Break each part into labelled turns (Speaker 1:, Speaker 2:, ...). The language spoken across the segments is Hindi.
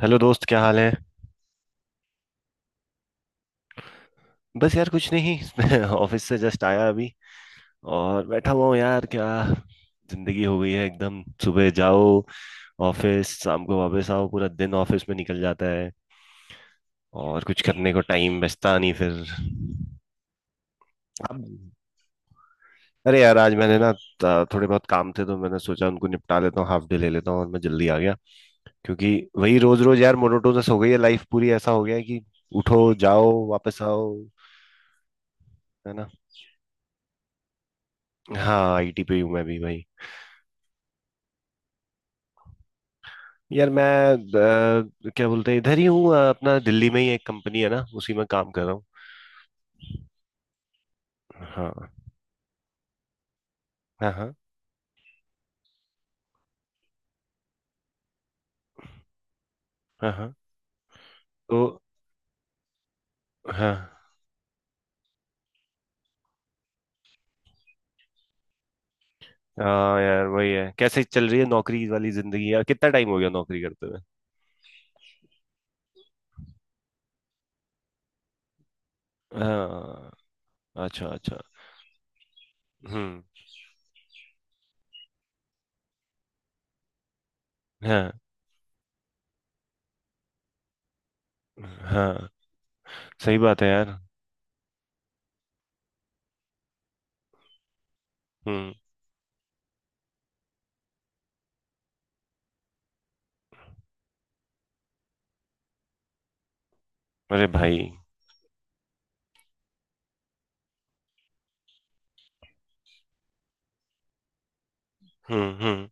Speaker 1: हेलो दोस्त, क्या हाल है। बस यार कुछ नहीं। मैं ऑफिस से जस्ट आया अभी और बैठा हुआ हूँ यार। क्या जिंदगी हो गई है एकदम। सुबह जाओ ऑफिस, शाम को वापस आओ। पूरा दिन ऑफिस में निकल जाता है और कुछ करने को टाइम बचता नहीं फिर। अब अरे यार, आज मैंने ना थोड़े बहुत काम थे तो मैंने सोचा उनको निपटा लेता हूँ, हाफ डे ले लेता हूँ, और मैं जल्दी आ गया, क्योंकि वही रोज रोज यार मोनोटोनस हो गई है लाइफ पूरी। ऐसा हो गया है कि उठो, जाओ, वापस आओ। है ना। हाँ, आईटी पे हूँ मैं भी भाई। यार मैं क्या बोलते हैं, इधर ही हूँ। अपना दिल्ली में ही एक कंपनी है ना, उसी में काम कर रहा हूँ। हाँ हाँ। हाँ। हाँ। हाँ। तो हाँ। हाँ यार वही है, कैसे चल रही है नौकरी वाली जिंदगी यार। कितना टाइम हो गया नौकरी करते हुए। हाँ। अच्छा अच्छा। हम्म। हाँ हाँ सही बात है यार। हम्म। अरे भाई। हम्म।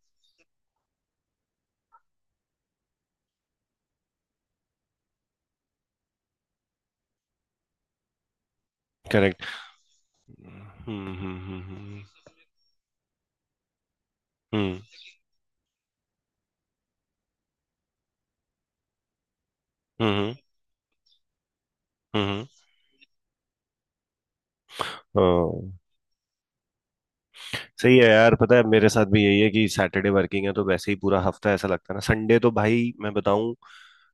Speaker 1: करेक्ट। हम्म। हम्म। हम्म। हम्म। हम्म, सही है यार। पता है, मेरे साथ भी यही है कि सैटरडे वर्किंग है तो वैसे ही पूरा हफ्ता ऐसा लगता है ना। संडे तो भाई मैं बताऊं,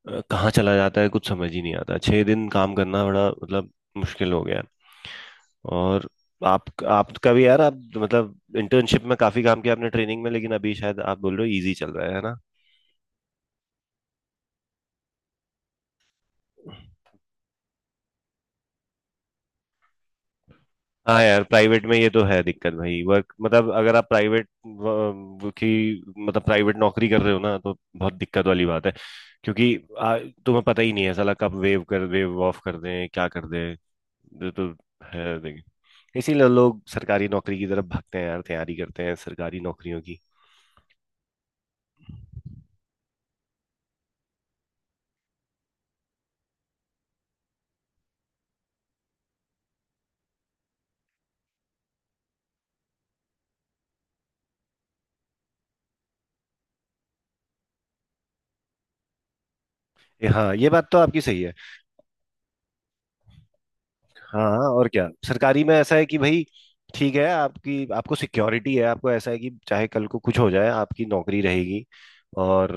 Speaker 1: कहाँ चला जाता है कुछ समझ ही नहीं आता। छह दिन काम करना बड़ा मतलब मुश्किल हो गया है। और आप, आपका भी यार, आप मतलब इंटर्नशिप में काफी काम किया आपने, ट्रेनिंग में, लेकिन अभी शायद आप बोल रहे हो इजी चल रहा है ना। हाँ यार, प्राइवेट में ये तो है दिक्कत भाई। वर्क मतलब अगर आप प्राइवेट की मतलब प्राइवेट नौकरी कर रहे हो ना तो बहुत दिक्कत वाली बात है, क्योंकि तुम्हें पता ही नहीं है साला कब वेव कर दे, ऑफ कर दें, क्या कर दें। ये तो है देखिए। इसीलिए लोग सरकारी नौकरी की तरफ भागते हैं यार, तैयारी करते हैं सरकारी नौकरियों की। हाँ ये बात तो आपकी सही है। हाँ हाँ, और क्या। सरकारी में ऐसा है कि भाई ठीक है, आपकी आपको सिक्योरिटी है, आपको ऐसा है कि चाहे कल को कुछ हो जाए आपकी नौकरी रहेगी, और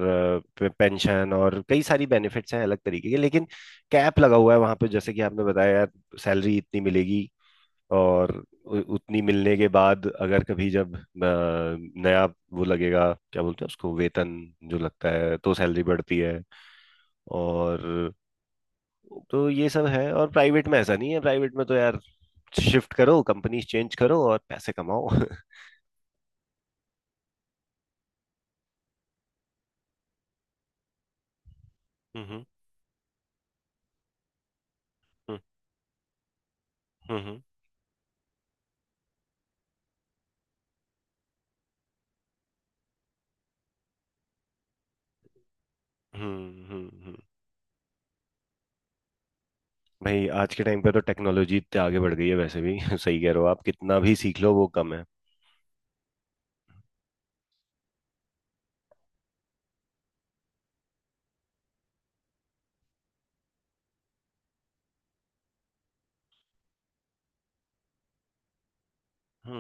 Speaker 1: पेंशन और कई सारी बेनिफिट्स हैं अलग तरीके के। लेकिन कैप लगा हुआ है वहां पे, जैसे कि आपने बताया यार, सैलरी इतनी मिलेगी। और उतनी मिलने के बाद अगर कभी जब नया वो लगेगा, क्या बोलते हैं उसको, वेतन जो लगता है, तो सैलरी बढ़ती है। और तो ये सब है। और प्राइवेट में ऐसा नहीं है। प्राइवेट में तो यार शिफ्ट करो, कंपनी चेंज करो और पैसे कमाओ। हम्म हम्म हम्म। हम्म हम्म हम्म। भाई आज के टाइम पे तो टेक्नोलॉजी इतने आगे बढ़ गई है वैसे भी। सही कह रहे हो आप, कितना भी सीख लो वो कम है। हम्म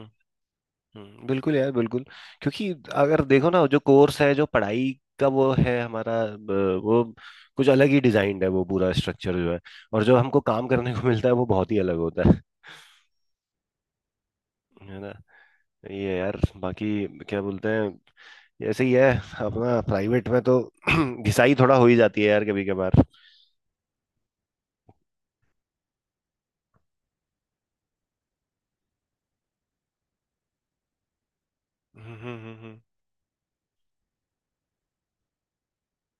Speaker 1: बिल्कुल यार, बिल्कुल। क्योंकि अगर देखो ना, जो कोर्स है, जो पढ़ाई का वो है हमारा, वो कुछ अलग ही डिजाइंड है, वो पूरा स्ट्रक्चर जो है। और जो हमको काम करने को मिलता है वो बहुत ही अलग होता है ना। ये है यार। बाकी क्या बोलते हैं, ऐसे ही है अपना प्राइवेट में तो। घिसाई थोड़ा हो ही जाती है यार कभी कभार। हम्म।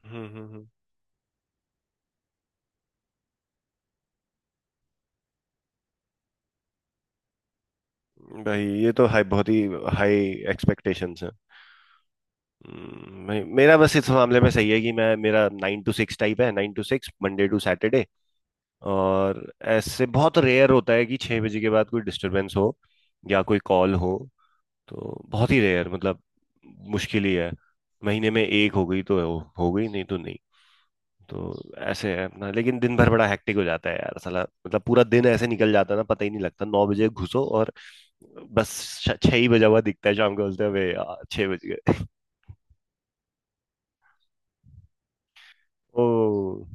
Speaker 1: हम्म हम्म, भाई ये तो हाई, बहुत ही हाई एक्सपेक्टेशंस हैं। भाई मेरा बस इस मामले में सही है कि मैं, मेरा 9 to 6 टाइप है, 9 to 6 Monday to Saturday। और ऐसे बहुत रेयर होता है कि 6 बजे के बाद कोई डिस्टरबेंस हो या कोई कॉल हो। तो बहुत ही रेयर, मतलब मुश्किल ही है। महीने में एक हो गई तो हो गई, नहीं तो नहीं। तो ऐसे है अपना। लेकिन दिन भर बड़ा हेक्टिक हो जाता है यार साला। मतलब पूरा दिन ऐसे निकल जाता है ना, पता ही नहीं लगता। 9 बजे घुसो और बस 6 ही बजा हुआ दिखता है शाम को, बोलते हैं "अबे यार 6 बज गए।" ओ,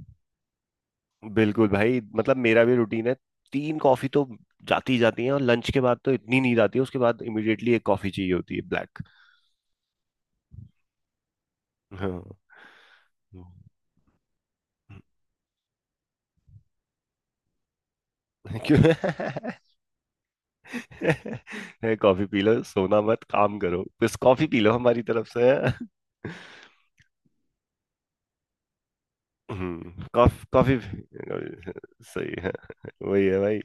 Speaker 1: बिल्कुल भाई, मतलब मेरा भी रूटीन है। 3 कॉफी तो जाती ही जाती है। और लंच के बाद तो इतनी नींद आती है, उसके बाद इमिडिएटली 1 कॉफी चाहिए होती है ब्लैक। हाँ। क्यों। कॉफी पी लो, सोना मत, काम करो, बस कॉफी पी लो हमारी तरफ से। हम्म, कॉफी। सही है। वही है भाई।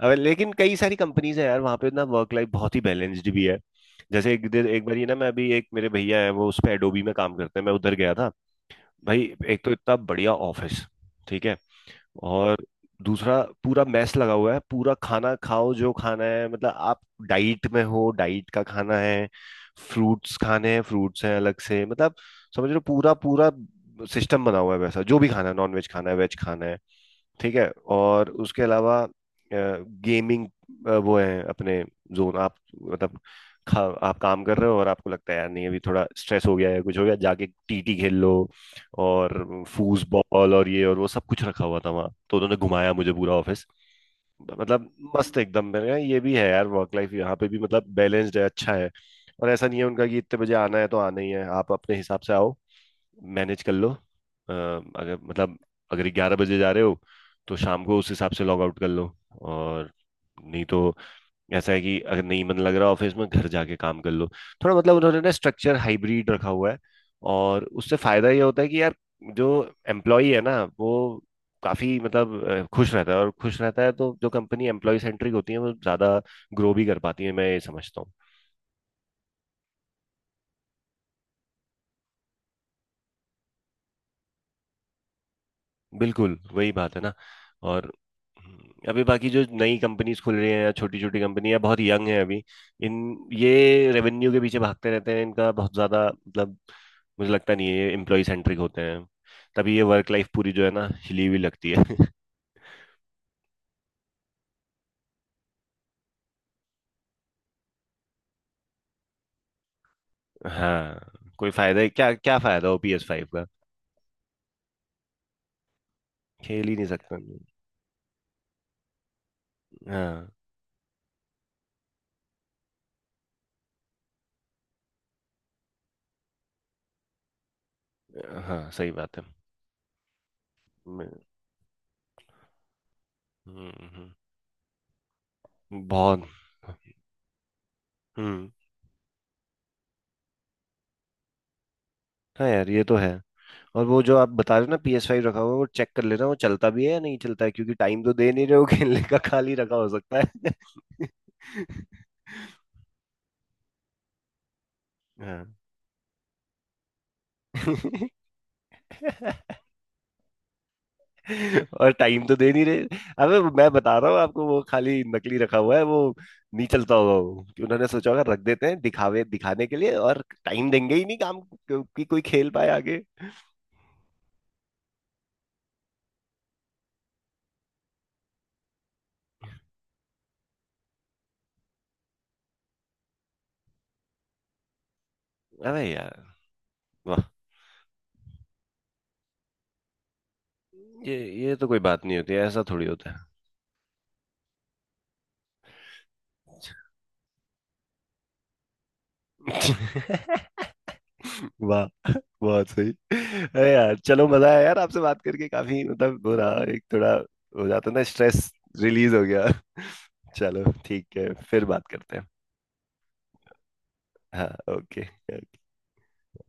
Speaker 1: अब लेकिन कई सारी कंपनीज है यार वहाँ पे ना, वर्क लाइफ बहुत ही बैलेंस्ड भी है। जैसे एक दिन, एक बार ये ना, मैं अभी, एक मेरे भैया है, वो उस पे एडोबी में काम करते हैं, मैं उधर गया था। भाई एक तो इतना बढ़िया ऑफिस, ठीक है, और दूसरा पूरा मैस लगा हुआ है, पूरा खाना खाओ जो खाना है, मतलब आप डाइट में हो, डाइट का खाना है, फ्रूट्स खाने हैं, फ्रूट्स हैं अलग से। मतलब समझ लो पूरा पूरा सिस्टम बना हुआ है वैसा, जो भी खाना है, नॉन वेज खाना है, वेज खाना है, ठीक है। और उसके अलावा गेमिंग वो है अपने जोन आप, मतलब आप काम कर रहे हो और आपको लगता है यार नहीं, अभी थोड़ा स्ट्रेस हो गया है, कुछ हो गया, जाके TT खेल लो। और फूज बॉल और ये और वो सब कुछ रखा हुआ था वहाँ, तो उन्होंने घुमाया मुझे पूरा ऑफिस। मतलब मस्त एकदम, मैंने कहा ये भी है यार, वर्क लाइफ यहाँ पे भी मतलब बैलेंस्ड है, अच्छा है। और ऐसा नहीं है उनका कि इतने बजे आना है तो आना ही है, आप अपने हिसाब से आओ, मैनेज कर लो। अगर मतलब अगर 11 बजे जा रहे हो तो शाम को उस हिसाब से लॉग आउट कर लो। और नहीं तो ऐसा है कि अगर नहीं मन लग रहा ऑफिस में, घर जाके काम कर लो। थोड़ा मतलब उन्होंने ना स्ट्रक्चर हाइब्रिड रखा हुआ है। और उससे फायदा ये होता है कि यार जो एम्प्लॉई है ना वो काफी मतलब खुश रहता है। और खुश रहता है तो जो कंपनी एम्प्लॉय सेंट्रिक होती है वो ज्यादा ग्रो भी कर पाती है, मैं ये समझता। बिल्कुल वही बात है ना। और अभी बाकी जो नई कंपनीज खुल रही हैं या छोटी छोटी कंपनी है बहुत यंग है अभी, इन, ये रेवेन्यू के पीछे भागते रहते हैं, इनका बहुत ज्यादा मतलब मुझे लगता नहीं है ये एम्प्लॉय सेंट्रिक होते हैं। तभी ये वर्क लाइफ पूरी जो है ना हिली हुई लगती है। हाँ, कोई फायदा है क्या, क्या फायदा हो PS5 का, खेल ही नहीं सकता। हाँ हाँ सही बात है। मैं- हम्म बहुत। हम्म। हाँ यार ये तो है। और वो जो आप बता रहे हो ना PS5 रखा हुआ है, वो चेक कर लेना वो चलता भी है या नहीं चलता है, क्योंकि टाइम तो दे नहीं रहे हो खेलने का, खाली रखा हो सकता है। हाँ। और टाइम तो दे नहीं रहे। अबे मैं बता रहा हूँ आपको, वो खाली नकली रखा हुआ है वो, नहीं चलता होगा वो, कि उन्होंने सोचा होगा रख देते हैं दिखावे, दिखाने के लिए, और टाइम देंगे ही नहीं कि कोई खेल पाए आगे। अरे यार वाह, ये ये तो कोई बात नहीं होती, ऐसा थोड़ी होता है। वाह, बहुत सही। अरे यार चलो, मजा आया यार आपसे बात करके, काफी मतलब हो रहा एक, थोड़ा हो जाता ना स्ट्रेस, रिलीज हो गया। चलो ठीक है, फिर बात करते हैं। हाँ ओके। ओके।